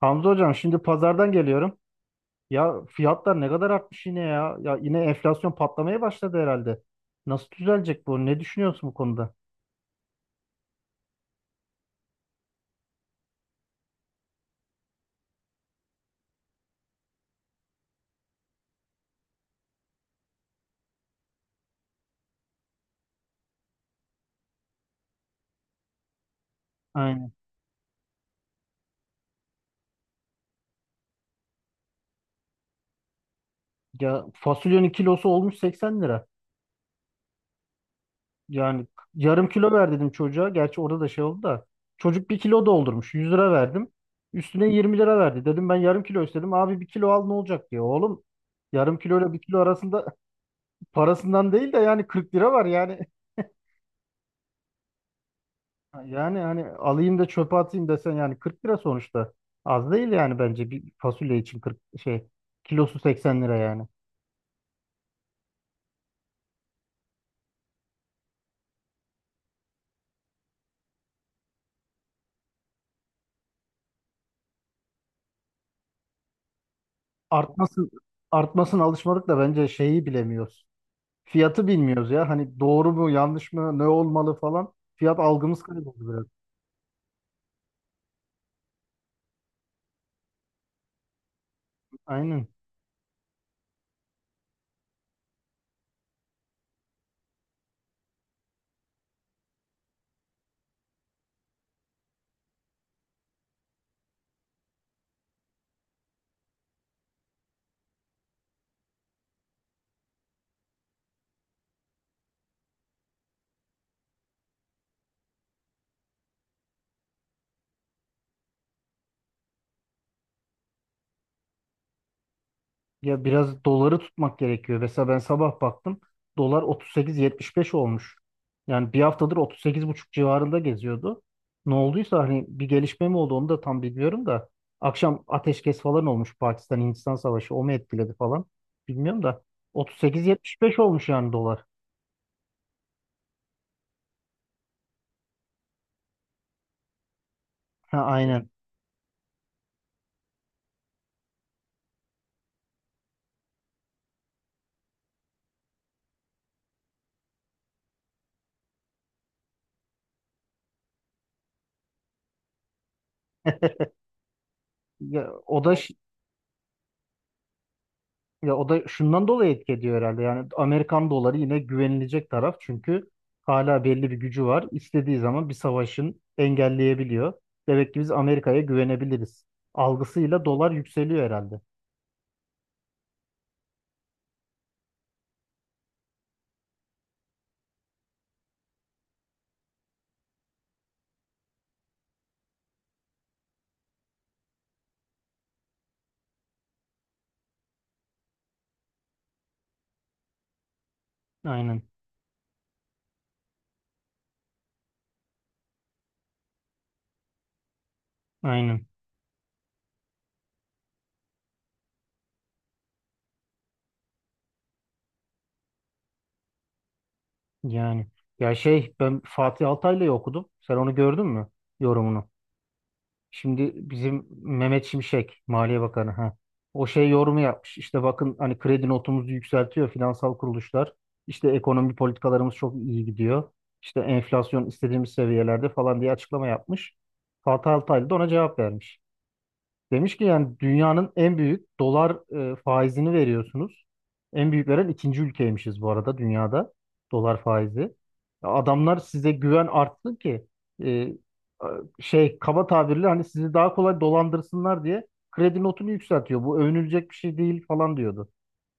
Hamza hocam şimdi pazardan geliyorum. Ya fiyatlar ne kadar artmış yine ya. Ya yine enflasyon patlamaya başladı herhalde. Nasıl düzelecek bu? Ne düşünüyorsun bu konuda? Aynen. Ya fasulyenin kilosu olmuş 80 lira. Yani yarım kilo ver dedim çocuğa. Gerçi orada da şey oldu da. Çocuk bir kilo doldurmuş. 100 lira verdim. Üstüne 20 lira verdi. Dedim ben yarım kilo istedim. Abi bir kilo al ne olacak diye. Oğlum yarım kilo ile bir kilo arasında parasından değil de yani 40 lira var yani. Ha, yani hani alayım da çöpe atayım desen yani 40 lira sonuçta. Az değil yani bence bir fasulye için 40 şey kilosu 80 lira yani. Artmasın artmasın alışmadık da bence şeyi bilemiyoruz. Fiyatı bilmiyoruz ya. Hani doğru mu yanlış mı ne olmalı falan. Fiyat algımız kayboldu biraz. Aynen. Ya biraz doları tutmak gerekiyor. Mesela ben sabah baktım. Dolar 38,75 olmuş. Yani bir haftadır otuz sekiz buçuk civarında geziyordu. Ne olduysa hani bir gelişme mi oldu onu da tam bilmiyorum da. Akşam ateşkes falan olmuş Pakistan-Hindistan savaşı. O mu etkiledi falan? Bilmiyorum da. 38,75 olmuş yani dolar. Ha, aynen. Ya, o da Ya o da şundan dolayı etki ediyor herhalde. Yani Amerikan doları yine güvenilecek taraf çünkü hala belli bir gücü var. İstediği zaman bir savaşın engelleyebiliyor. Demek ki biz Amerika'ya güvenebiliriz. Algısıyla dolar yükseliyor herhalde. Aynen. Aynen. Yani ya şey ben Fatih Altaylı'yı okudum. Sen onu gördün mü? Yorumunu. Şimdi bizim Mehmet Şimşek, Maliye Bakanı ha. O şey yorumu yapmış. İşte bakın hani kredi notumuzu yükseltiyor finansal kuruluşlar. İşte ekonomi politikalarımız çok iyi gidiyor. İşte enflasyon istediğimiz seviyelerde falan diye açıklama yapmış. Fatih Altaylı da ona cevap vermiş. Demiş ki yani dünyanın en büyük dolar faizini veriyorsunuz. En büyük veren ikinci ülkeymişiz bu arada dünyada dolar faizi. Ya adamlar size güven artsın ki e, şey kaba tabirle hani sizi daha kolay dolandırsınlar diye kredi notunu yükseltiyor. Bu övünülecek bir şey değil falan diyordu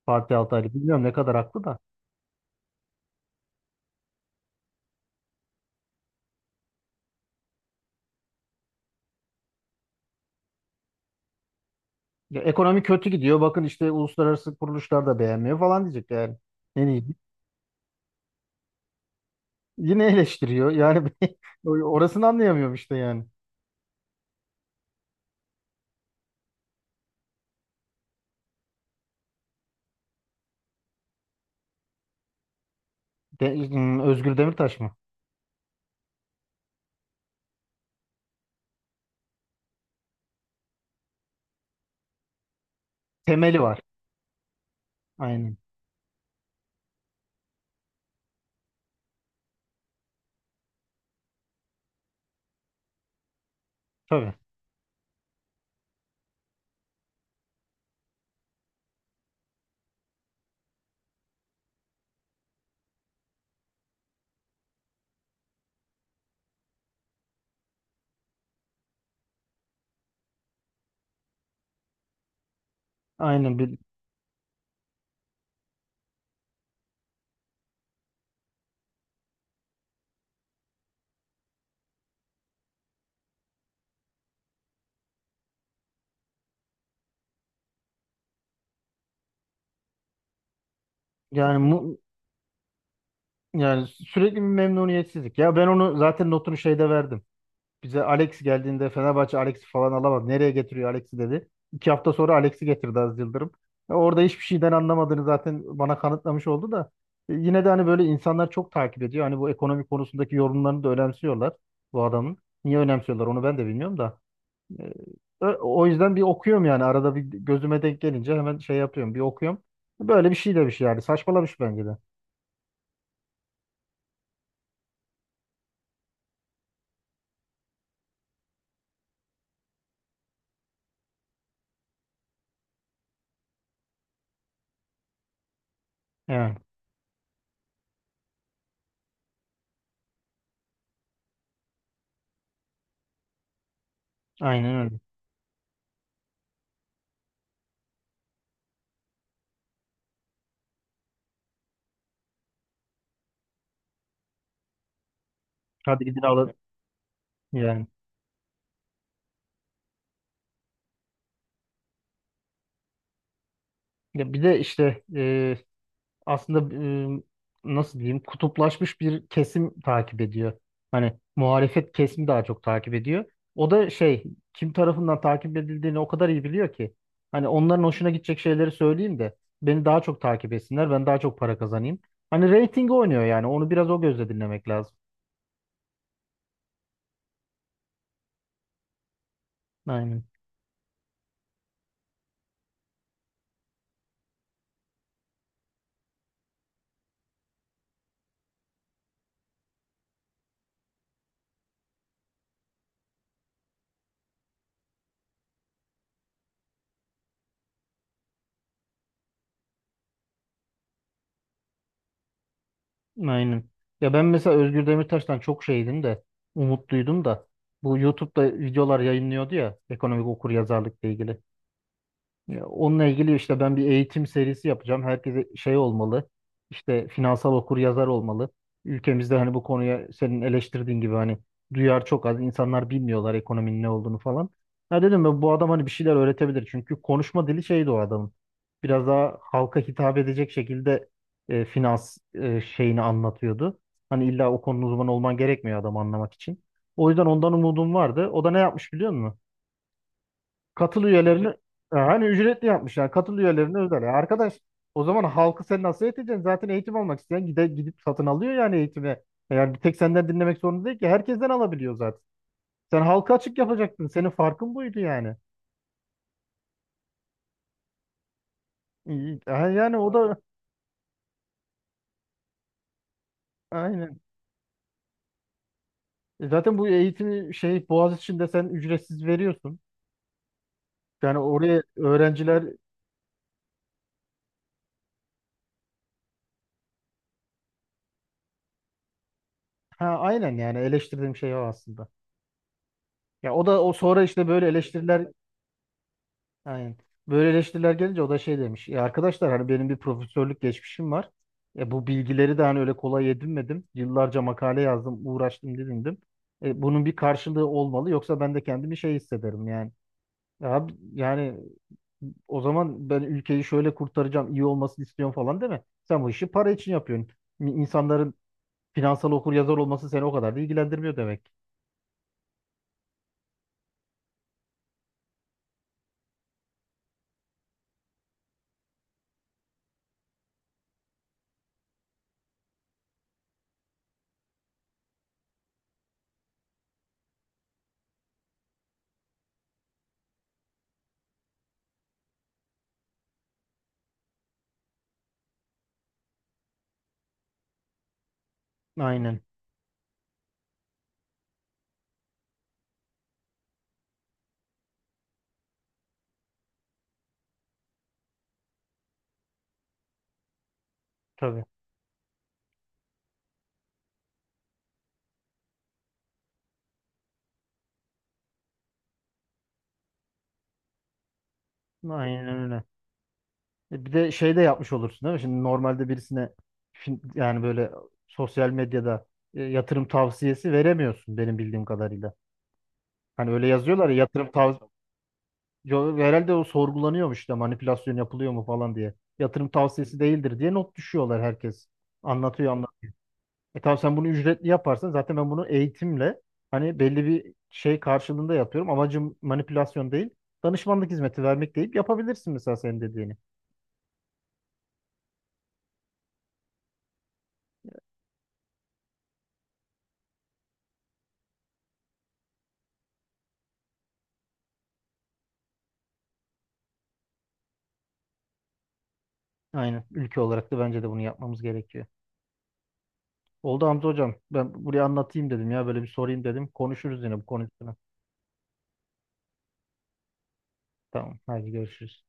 Fatih Altaylı. Bilmiyorum ne kadar haklı da. Ya ekonomi kötü gidiyor. Bakın işte uluslararası kuruluşlar da beğenmiyor falan diyecek yani. Ne diyeyim? Yine eleştiriyor. Yani orasını anlayamıyorum işte yani. Özgür Demirtaş mı? Temeli var. Aynen. Tabii. Aynen. Yani mu, yani sürekli bir memnuniyetsizlik. Ya ben onu zaten notunu şeyde verdim. Bize Alex geldiğinde Fenerbahçe Alex'i falan alamadı. Nereye getiriyor Alex'i dedi. 2 hafta sonra Alex'i getirdi Aziz Yıldırım. Ya orada hiçbir şeyden anlamadığını zaten bana kanıtlamış oldu da. E, Yine de hani böyle insanlar çok takip ediyor. Hani bu ekonomi konusundaki yorumlarını da önemsiyorlar bu adamın. Niye önemsiyorlar onu ben de bilmiyorum da. Ee, O yüzden bir okuyorum yani arada bir gözüme denk gelince hemen şey yapıyorum bir okuyorum. Böyle bir şey demiş yani saçmalamış bence de. Yani aynen öyle. Hadi gidin alın yani. Ya bir de işte aslında e, nasıl diyeyim kutuplaşmış bir kesim takip ediyor. Hani muhalefet kesimi daha çok takip ediyor. O da şey kim tarafından takip edildiğini o kadar iyi biliyor ki. Hani onların hoşuna gidecek şeyleri söyleyeyim de beni daha çok takip etsinler ben daha çok para kazanayım. Hani reyting oynuyor yani onu biraz o gözle dinlemek lazım. Aynen. Aynen. Ya ben mesela Özgür Demirtaş'tan çok şeydim de umutluydum da bu YouTube'da videolar yayınlıyordu ya ekonomik okuryazarlıkla ilgili. Ya onunla ilgili işte ben bir eğitim serisi yapacağım. Herkese şey olmalı. İşte finansal okuryazar olmalı. Ülkemizde hani bu konuya senin eleştirdiğin gibi hani duyar çok az. İnsanlar bilmiyorlar ekonominin ne olduğunu falan. Ya dedim ben bu adam hani bir şeyler öğretebilir. Çünkü konuşma dili şeydi o adamın. Biraz daha halka hitap edecek şekilde finans şeyini anlatıyordu. Hani illa o konunun uzmanı olman gerekmiyor adam anlamak için. O yüzden ondan umudum vardı. O da ne yapmış biliyor musun? Katıl üyelerini hani ücretli yapmış yani katıl üyelerini özel. Ya arkadaş o zaman halkı sen nasıl eğiteceksin? Zaten eğitim almak isteyen gidip satın alıyor yani eğitimi. Yani bir tek senden dinlemek zorunda değil ki herkesten alabiliyor zaten. Sen halka açık yapacaktın. Senin farkın buydu yani. İyi, ha, yani o da aynen. E, Zaten bu eğitimi şey Boğaziçi'nde sen ücretsiz veriyorsun. Yani oraya öğrenciler ha aynen yani eleştirdiğim şey o aslında. Ya o da o sonra işte böyle eleştiriler aynen. Böyle eleştiriler gelince o da şey demiş. Ya arkadaşlar hani benim bir profesörlük geçmişim var. E bu bilgileri de hani öyle kolay edinmedim. Yıllarca makale yazdım, uğraştım, didindim. E bunun bir karşılığı olmalı yoksa ben de kendimi şey hissederim yani. Ya yani o zaman ben ülkeyi şöyle kurtaracağım, iyi olmasını istiyorum falan deme. Sen bu işi para için yapıyorsun. İnsanların finansal okur yazar olması seni o kadar da ilgilendirmiyor demek. Aynen. Tabii. Aynen öyle. E, Bir de şey de yapmış olursun değil mi? Şimdi normalde birisine yani böyle sosyal medyada yatırım tavsiyesi veremiyorsun benim bildiğim kadarıyla. Hani öyle yazıyorlar ya yatırım tavsiyesi herhalde o sorgulanıyormuş işte manipülasyon yapılıyor mu falan diye. Yatırım tavsiyesi değildir diye not düşüyorlar herkes. Anlatıyor anlatıyor. E tamam sen bunu ücretli yaparsan zaten ben bunu eğitimle hani belli bir şey karşılığında yapıyorum. Amacım manipülasyon değil. Danışmanlık hizmeti vermek deyip yapabilirsin mesela senin dediğini. Aynen. Ülke olarak da bence de bunu yapmamız gerekiyor. Oldu Hamza hocam. Ben buraya anlatayım dedim ya. Böyle bir sorayım dedim. Konuşuruz yine bu konu üstüne. Tamam. Hadi görüşürüz.